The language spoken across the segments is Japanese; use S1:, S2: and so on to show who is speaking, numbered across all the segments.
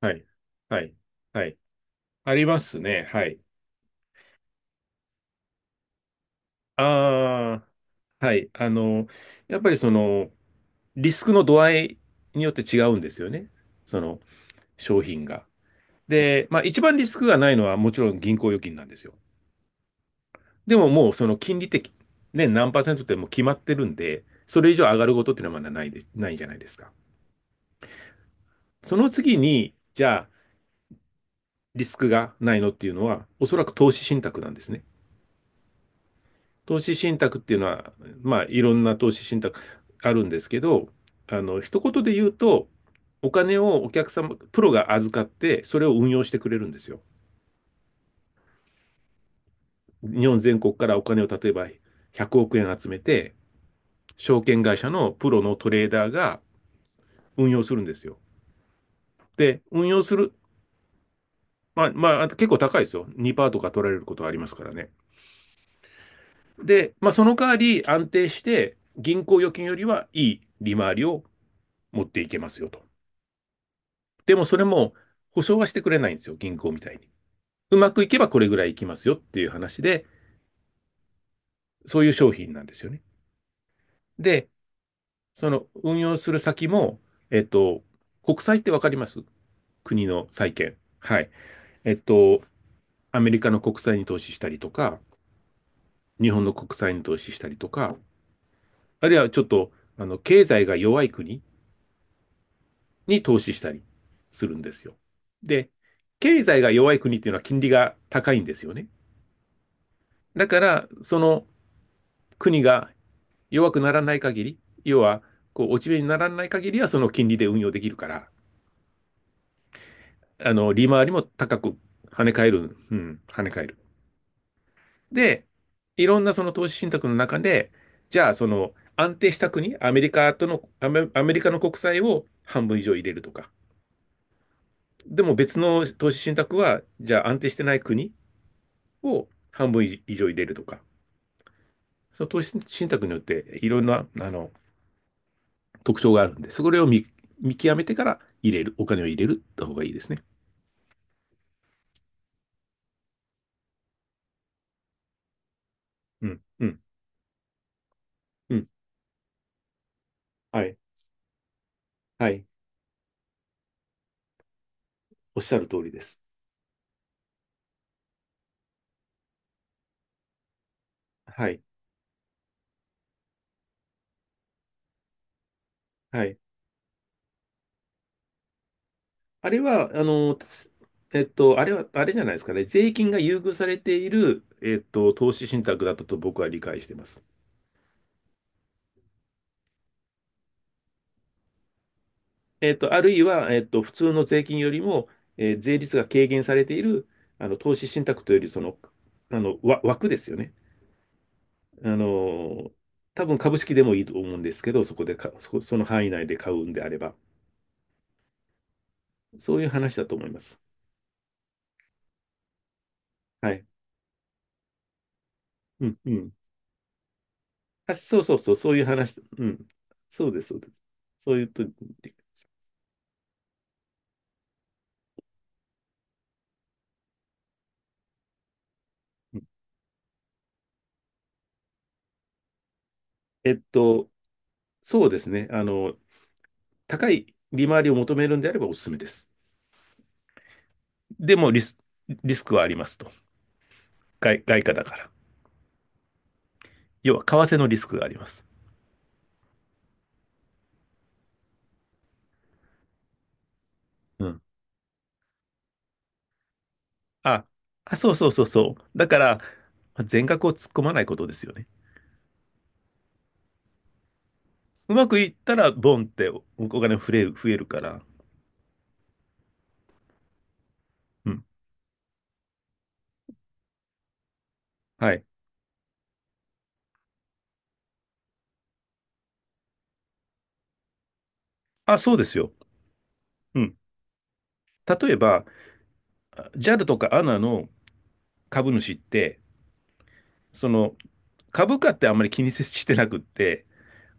S1: はい。はい。はい。ありますね。はい。ああ、はい。やっぱりリスクの度合いによって違うんですよね。その、商品が。で、まあ一番リスクがないのはもちろん銀行預金なんですよ。でももうその金利的、ね、何パーセントってもう決まってるんで、それ以上上がることっていうのはまだないで、ないじゃないですか。その次に、じゃあ、リスクがないのっていうのは、おそらく投資信託なんですね。投資信託っていうのは、まあ、いろんな投資信託あるんですけど、一言で言うと、お金をお客様、プロが預かって、それを運用してくれるんですよ。日本全国からお金を例えば100億円集めて、証券会社のプロのトレーダーが運用するんですよ。で、運用する、まあ、まあ、結構高いですよ。2%とか取られることはありますからね。で、まあ、その代わり安定して、銀行預金よりはいい利回りを持っていけますよと。でもそれも保証はしてくれないんですよ、銀行みたいに。うまくいけばこれぐらいいきますよっていう話で、そういう商品なんですよね。で、その運用する先も、えっと、国債ってわかります？国の債券。はい。えっと、アメリカの国債に投資したりとか、日本の国債に投資したりとか、あるいはちょっと、経済が弱い国に投資したりするんですよ。で、経済が弱い国っていうのは金利が高いんですよね。だから、その国が弱くならない限り、要は、落ち目にならない限りは、その金利で運用できるから、利回りも高く跳ね返る、うん、跳ね返る。で、いろんなその投資信託の中で、じゃあ、安定した国、アメリカの国債を半分以上入れるとか、でも別の投資信託は、じゃあ安定してない国を半分以上入れるとか、その投資信託によっていろんな、特徴があるんで、それを見極めてから入れる、お金を入れるった方がいいですね。うん、うん、うん。はい、はい。おっしゃる通りです。はい、はい。あれは、あの、たすえっと、あれは、あれじゃないですかね。税金が優遇されている、投資信託だったと僕は理解しています。あるいは、普通の税金よりも、税率が軽減されている、投資信託というより、枠ですよね。あの、多分株式でもいいと思うんですけど、そこでか、そこ、その範囲内で買うんであれば、そういう話だと思います。はい。うん、うん。あ、そうそうそう、そういう話。うん。そうです、そうです。そういうと、うんえっと、そうですね。高い利回りを求めるんであればおすすめです。でもリスクはありますと。外貨だから。要は、為替のリスクがあります。うん。あ、あ、そうそうそうそう。だから、全額を突っ込まないことですよね。うまくいったら、ボンっておお金増えるから。うん。はい。あ、そうですよ。うん。例えば、JAL とか ANA の株主って、その、株価ってあんまり気にせしてなくって、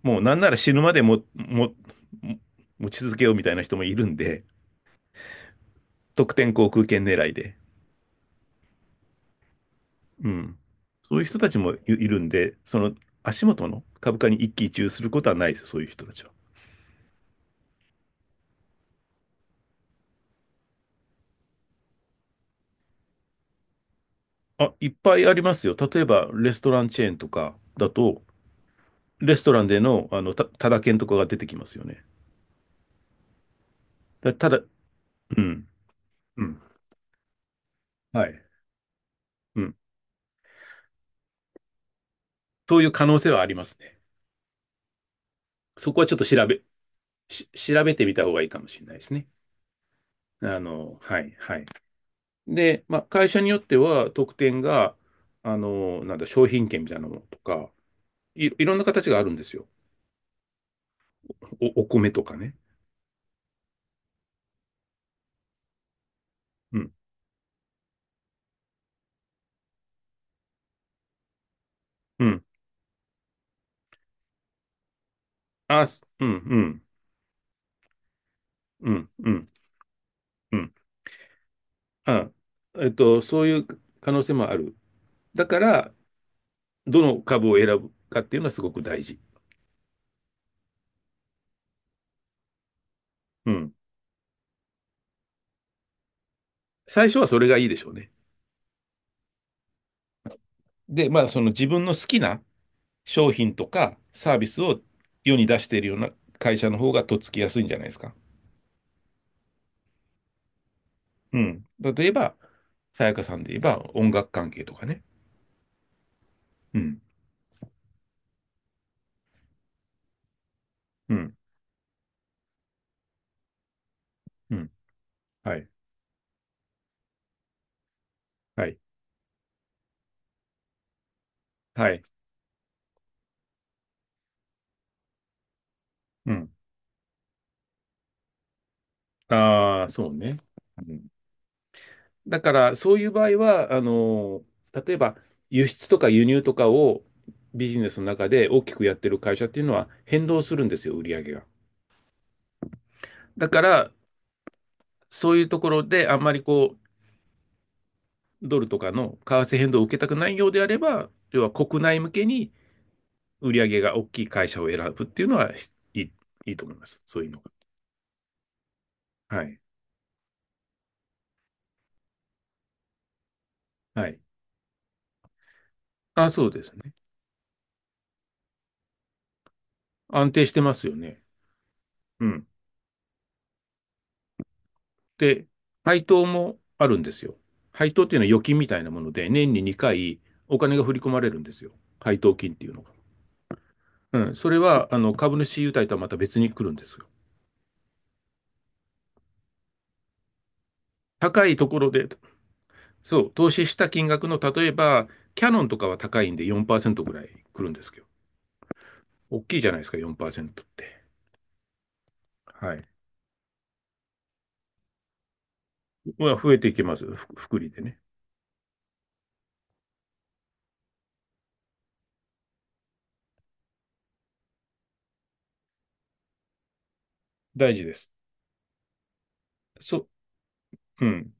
S1: もうなんなら死ぬまでも、持ち続けようみたいな人もいるんで、得点航空券狙いで。うん。そういう人たちもいいるんで、その足元の株価に一喜一憂することはないですよ、そういう人たちは。あ、いっぱいありますよ。例えば、レストランチェーンとかだと、レストランでの、タダ券とかが出てきますよね。ただ、うん、うん、はい、うん。そういう可能性はありますね。そこはちょっと調べてみた方がいいかもしれないですね。はいはい。で、まあ、会社によっては特典が、あの、なんだ、商品券みたいなものとか、いろんな形があるんですよ。お米とかね。うん、うん。あ、すうん、うん、うん、うん、うん、あ、そういう可能性もある。だから、どの株を選ぶかっていうのはすごく大事。うん。最初はそれがいいでしょうね。で、まあ、その自分の好きな商品とかサービスを世に出しているような会社の方がとっつきやすいんじゃないですか。うん。例えば、さやかさんで言えば音楽関係とかね。うん。うん。うん。はい。はい。はい。うん。ああ、そうね。うん、だから、そういう場合は、例えば、輸出とか輸入とかをビジネスの中で大きくやってる会社っていうのは変動するんですよ、売り上げが。だから、そういうところであんまりドルとかの為替変動を受けたくないようであれば、要は国内向けに売り上げが大きい会社を選ぶっていうのは、いい、いいと思います。そういうのが。はい。はい。あ、そうですね。安定してますよね。うん。で、配当もあるんですよ。配当っていうのは預金みたいなもので、年に2回お金が振り込まれるんですよ。配当金っていうのが。うん。それは、株主優待とはまた別に来るんですよ。高いところで、そう、投資した金額の、例えば、キャノンとかは高いんで4%ぐらい来るんですけど、大きいじゃないですか、4%って。はい。は増えていきます。福利でね。大事です。そ、うん。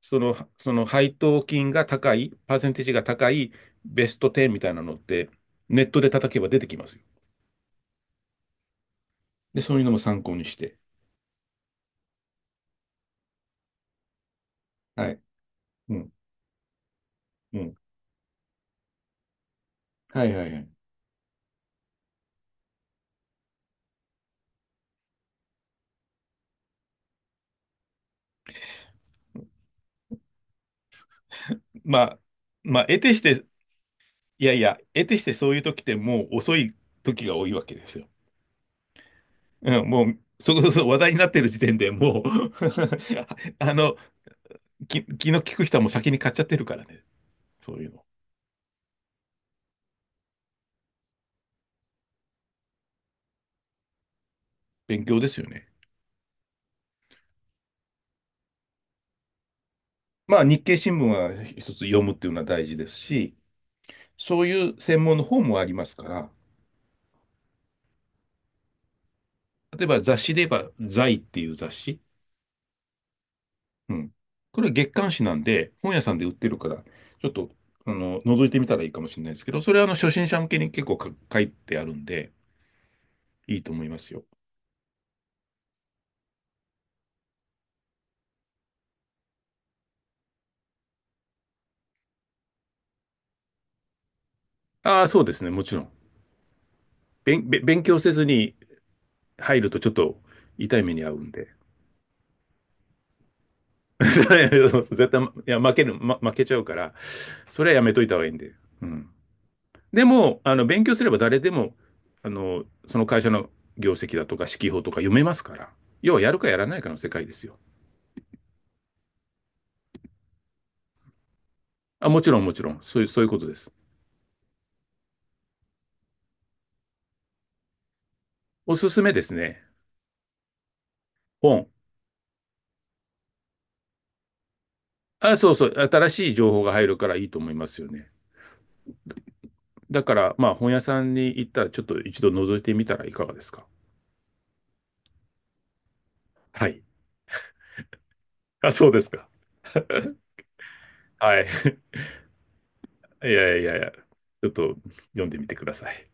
S1: その配当金が高い、パーセンテージが高いベスト10みたいなのって、ネットで叩けば出てきますよ。で、そういうのも参考にして。はい。うん。うん。はいはいはい。まあ、まあ、得てして、いやいや、得てしてそういう時ってもう遅い時が多いわけですよ。うん、もう、そこそこ話題になってる時点でもう あの、気の利く人はもう先に買っちゃってるからね。そういうの。勉強ですよね。まあ、日経新聞は一つ読むっていうのは大事ですし、そういう専門の本もありますから、例えば雑誌で言えば、財っていう雑誌。うん。これ月刊誌なんで、本屋さんで売ってるから、ちょっと、覗いてみたらいいかもしれないですけど、それは初心者向けに結構書いてあるんで、いいと思いますよ。ああ、そうですね、もちろん。勉強せずに入るとちょっと痛い目に遭うんで。絶対、いや、負けちゃうから、それはやめといた方がいいんで。うん。でも、勉強すれば誰でも、その会社の業績だとか、指揮法とか読めますから。要はやるかやらないかの世界ですよ。あ、もちろんもちろん。そういうことです。おすすめですね。本。あ、そうそう。新しい情報が入るからいいと思いますよね。だから、まあ、本屋さんに行ったら、ちょっと一度覗いてみたらいかがですか。はい。あ、そうですか。はい。いやいやいや、ちょっと読んでみてください。